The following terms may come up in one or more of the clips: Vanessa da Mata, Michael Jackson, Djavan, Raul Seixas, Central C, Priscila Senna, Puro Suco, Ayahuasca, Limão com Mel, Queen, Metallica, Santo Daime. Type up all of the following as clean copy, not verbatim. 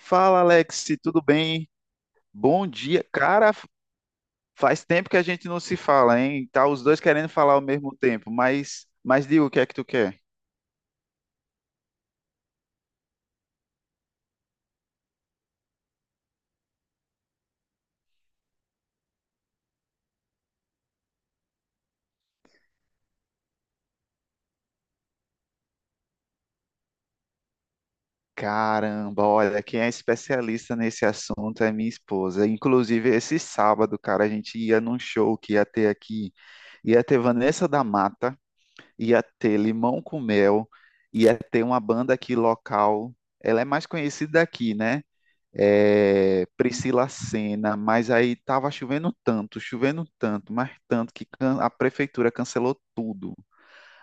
Fala, Alex, tudo bem? Bom dia. Cara, faz tempo que a gente não se fala, hein? Tá os dois querendo falar ao mesmo tempo, mas diga o que é que tu quer? Caramba, olha, quem é especialista nesse assunto é minha esposa. Inclusive, esse sábado, cara, a gente ia num show que ia ter aqui. Ia ter Vanessa da Mata, ia ter Limão com Mel, ia ter uma banda aqui local. Ela é mais conhecida daqui, né? É, Priscila Senna, mas aí estava chovendo tanto, mas tanto a prefeitura cancelou tudo.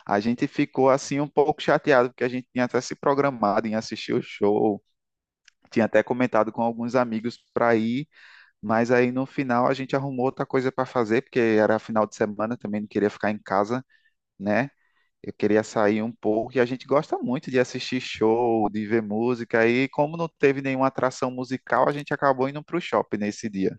A gente ficou assim um pouco chateado, porque a gente tinha até se programado em assistir o show, tinha até comentado com alguns amigos para ir, mas aí no final a gente arrumou outra coisa para fazer, porque era final de semana, também não queria ficar em casa, né? Eu queria sair um pouco e a gente gosta muito de assistir show, de ver música. E como não teve nenhuma atração musical, a gente acabou indo para o shopping nesse dia.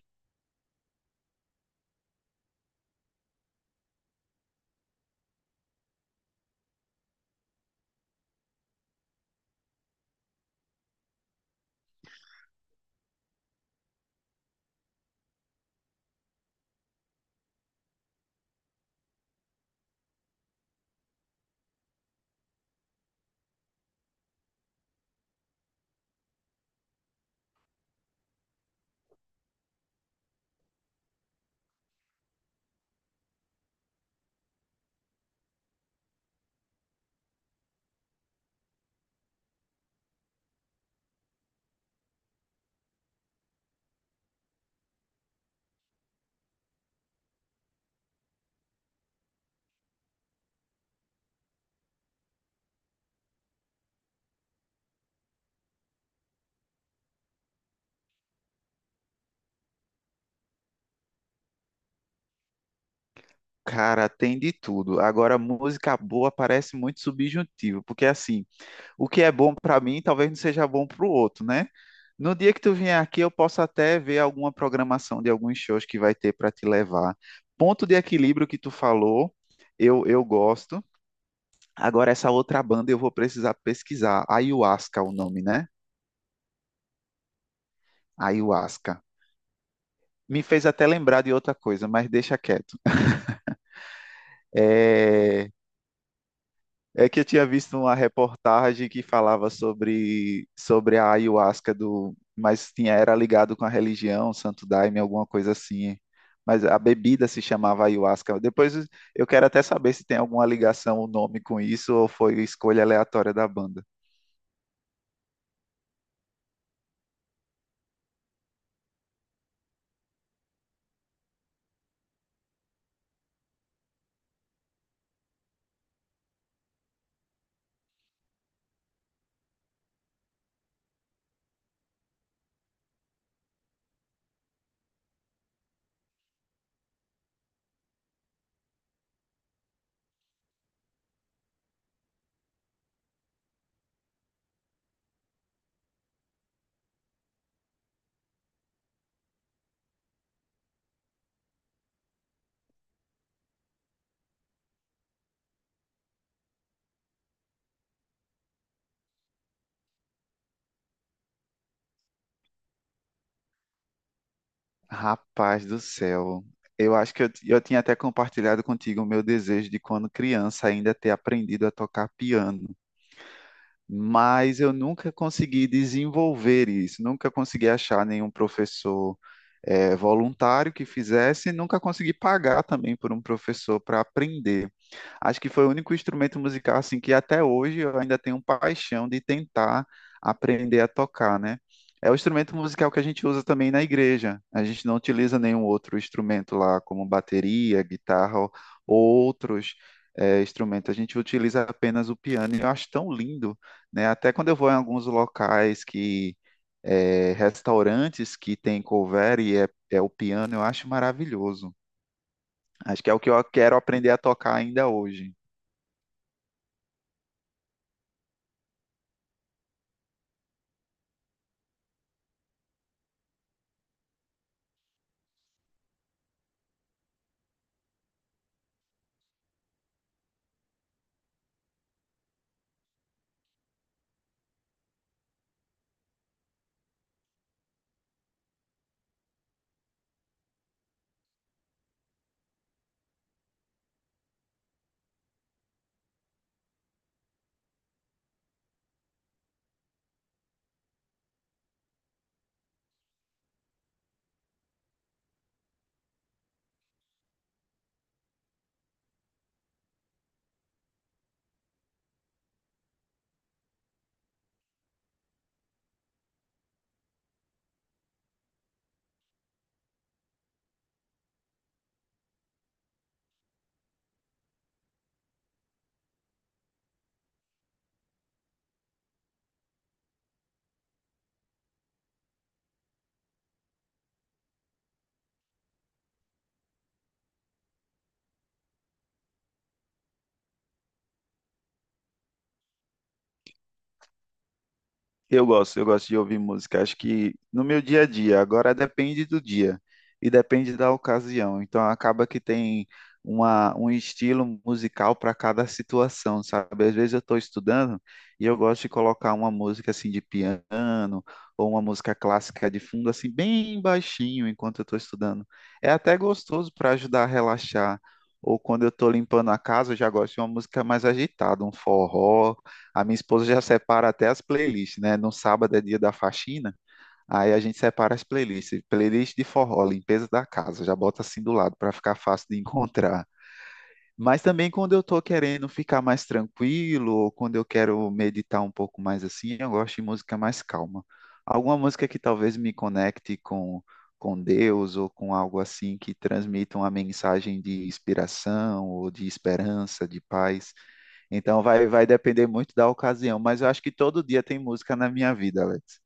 Cara, tem de tudo. Agora, música boa parece muito subjuntivo, porque assim, o que é bom para mim talvez não seja bom para o outro, né? No dia que tu vier aqui, eu posso até ver alguma programação de alguns shows que vai ter para te levar. Ponto de equilíbrio que tu falou, eu gosto. Agora, essa outra banda eu vou precisar pesquisar. Ayahuasca, é o nome, né? Ayahuasca. Me fez até lembrar de outra coisa, mas deixa quieto. É, é que eu tinha visto uma reportagem que falava sobre a ayahuasca do, mas tinha era ligado com a religião, Santo Daime, alguma coisa assim. Mas a bebida se chamava ayahuasca. Depois eu quero até saber se tem alguma ligação o nome com isso ou foi escolha aleatória da banda. Rapaz do céu. Eu acho que eu tinha até compartilhado contigo o meu desejo de quando criança ainda ter aprendido a tocar piano. Mas eu nunca consegui desenvolver isso, nunca consegui achar nenhum professor, voluntário que fizesse, e nunca consegui pagar também por um professor para aprender. Acho que foi o único instrumento musical assim que até hoje eu ainda tenho paixão de tentar aprender a tocar, né? É o instrumento musical que a gente usa também na igreja. A gente não utiliza nenhum outro instrumento lá, como bateria, guitarra ou outros instrumentos. A gente utiliza apenas o piano e eu acho tão lindo, né? Até quando eu vou em alguns locais que restaurantes que tem cover e é o piano, eu acho maravilhoso. Acho que é o que eu quero aprender a tocar ainda hoje. Eu gosto de ouvir música. Acho que no meu dia a dia, agora depende do dia e depende da ocasião. Então acaba que tem um estilo musical para cada situação, sabe? Às vezes eu estou estudando e eu gosto de colocar uma música assim de piano ou uma música clássica de fundo, assim, bem baixinho enquanto eu estou estudando. É até gostoso para ajudar a relaxar. Ou quando eu estou limpando a casa, eu já gosto de uma música mais agitada, um forró. A minha esposa já separa até as playlists, né? No sábado é dia da faxina, aí a gente separa as playlists. Playlist de forró, limpeza da casa, já bota assim do lado para ficar fácil de encontrar. Mas também quando eu estou querendo ficar mais tranquilo, ou quando eu quero meditar um pouco mais assim, eu gosto de música mais calma. Alguma música que talvez me com Deus ou com algo assim que transmita uma mensagem de inspiração ou de esperança, de paz. Então vai depender muito da ocasião, mas eu acho que todo dia tem música na minha vida, Alex.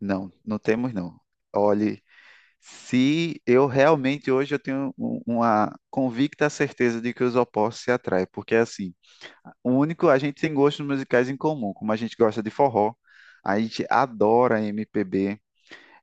Não, não temos não. Olhe, se eu realmente hoje eu tenho uma convicta certeza de que os opostos se atraem, porque assim, o único a gente tem gostos musicais em comum, como a gente gosta de forró, a gente adora MPB.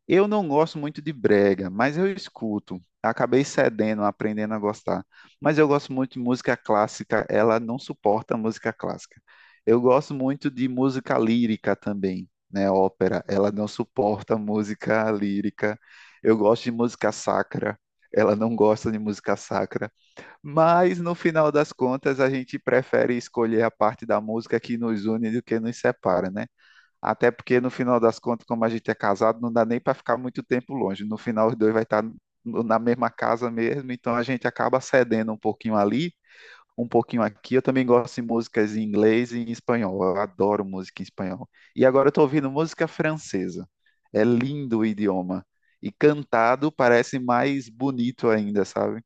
Eu não gosto muito de brega, mas eu escuto. Acabei cedendo, aprendendo a gostar. Mas eu gosto muito de música clássica, ela não suporta música clássica. Eu gosto muito de música lírica também, né? Ópera, ela não suporta música lírica. Eu gosto de música sacra, ela não gosta de música sacra. Mas no final das contas, a gente prefere escolher a parte da música que nos une do que nos separa, né? Até porque no final das contas, como a gente é casado, não dá nem para ficar muito tempo longe. No final, os dois vai estar na mesma casa mesmo, então a gente acaba cedendo um pouquinho ali, um pouquinho aqui. Eu também gosto de músicas em inglês e em espanhol. Eu adoro música em espanhol. E agora eu estou ouvindo música francesa. É lindo o idioma. E cantado parece mais bonito ainda, sabe?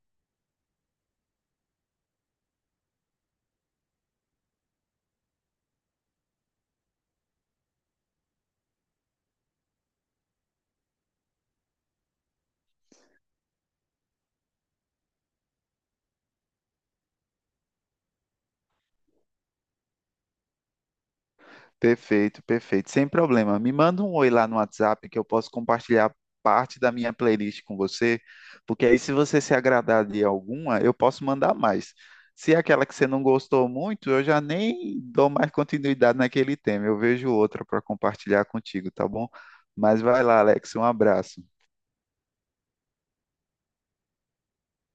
Perfeito, perfeito. Sem problema. Me manda um oi lá no WhatsApp que eu posso compartilhar parte da minha playlist com você, porque aí se você se agradar de alguma, eu posso mandar mais. Se é aquela que você não gostou muito, eu já nem dou mais continuidade naquele tema. Eu vejo outra para compartilhar contigo, tá bom? Mas vai lá, Alex. Um abraço.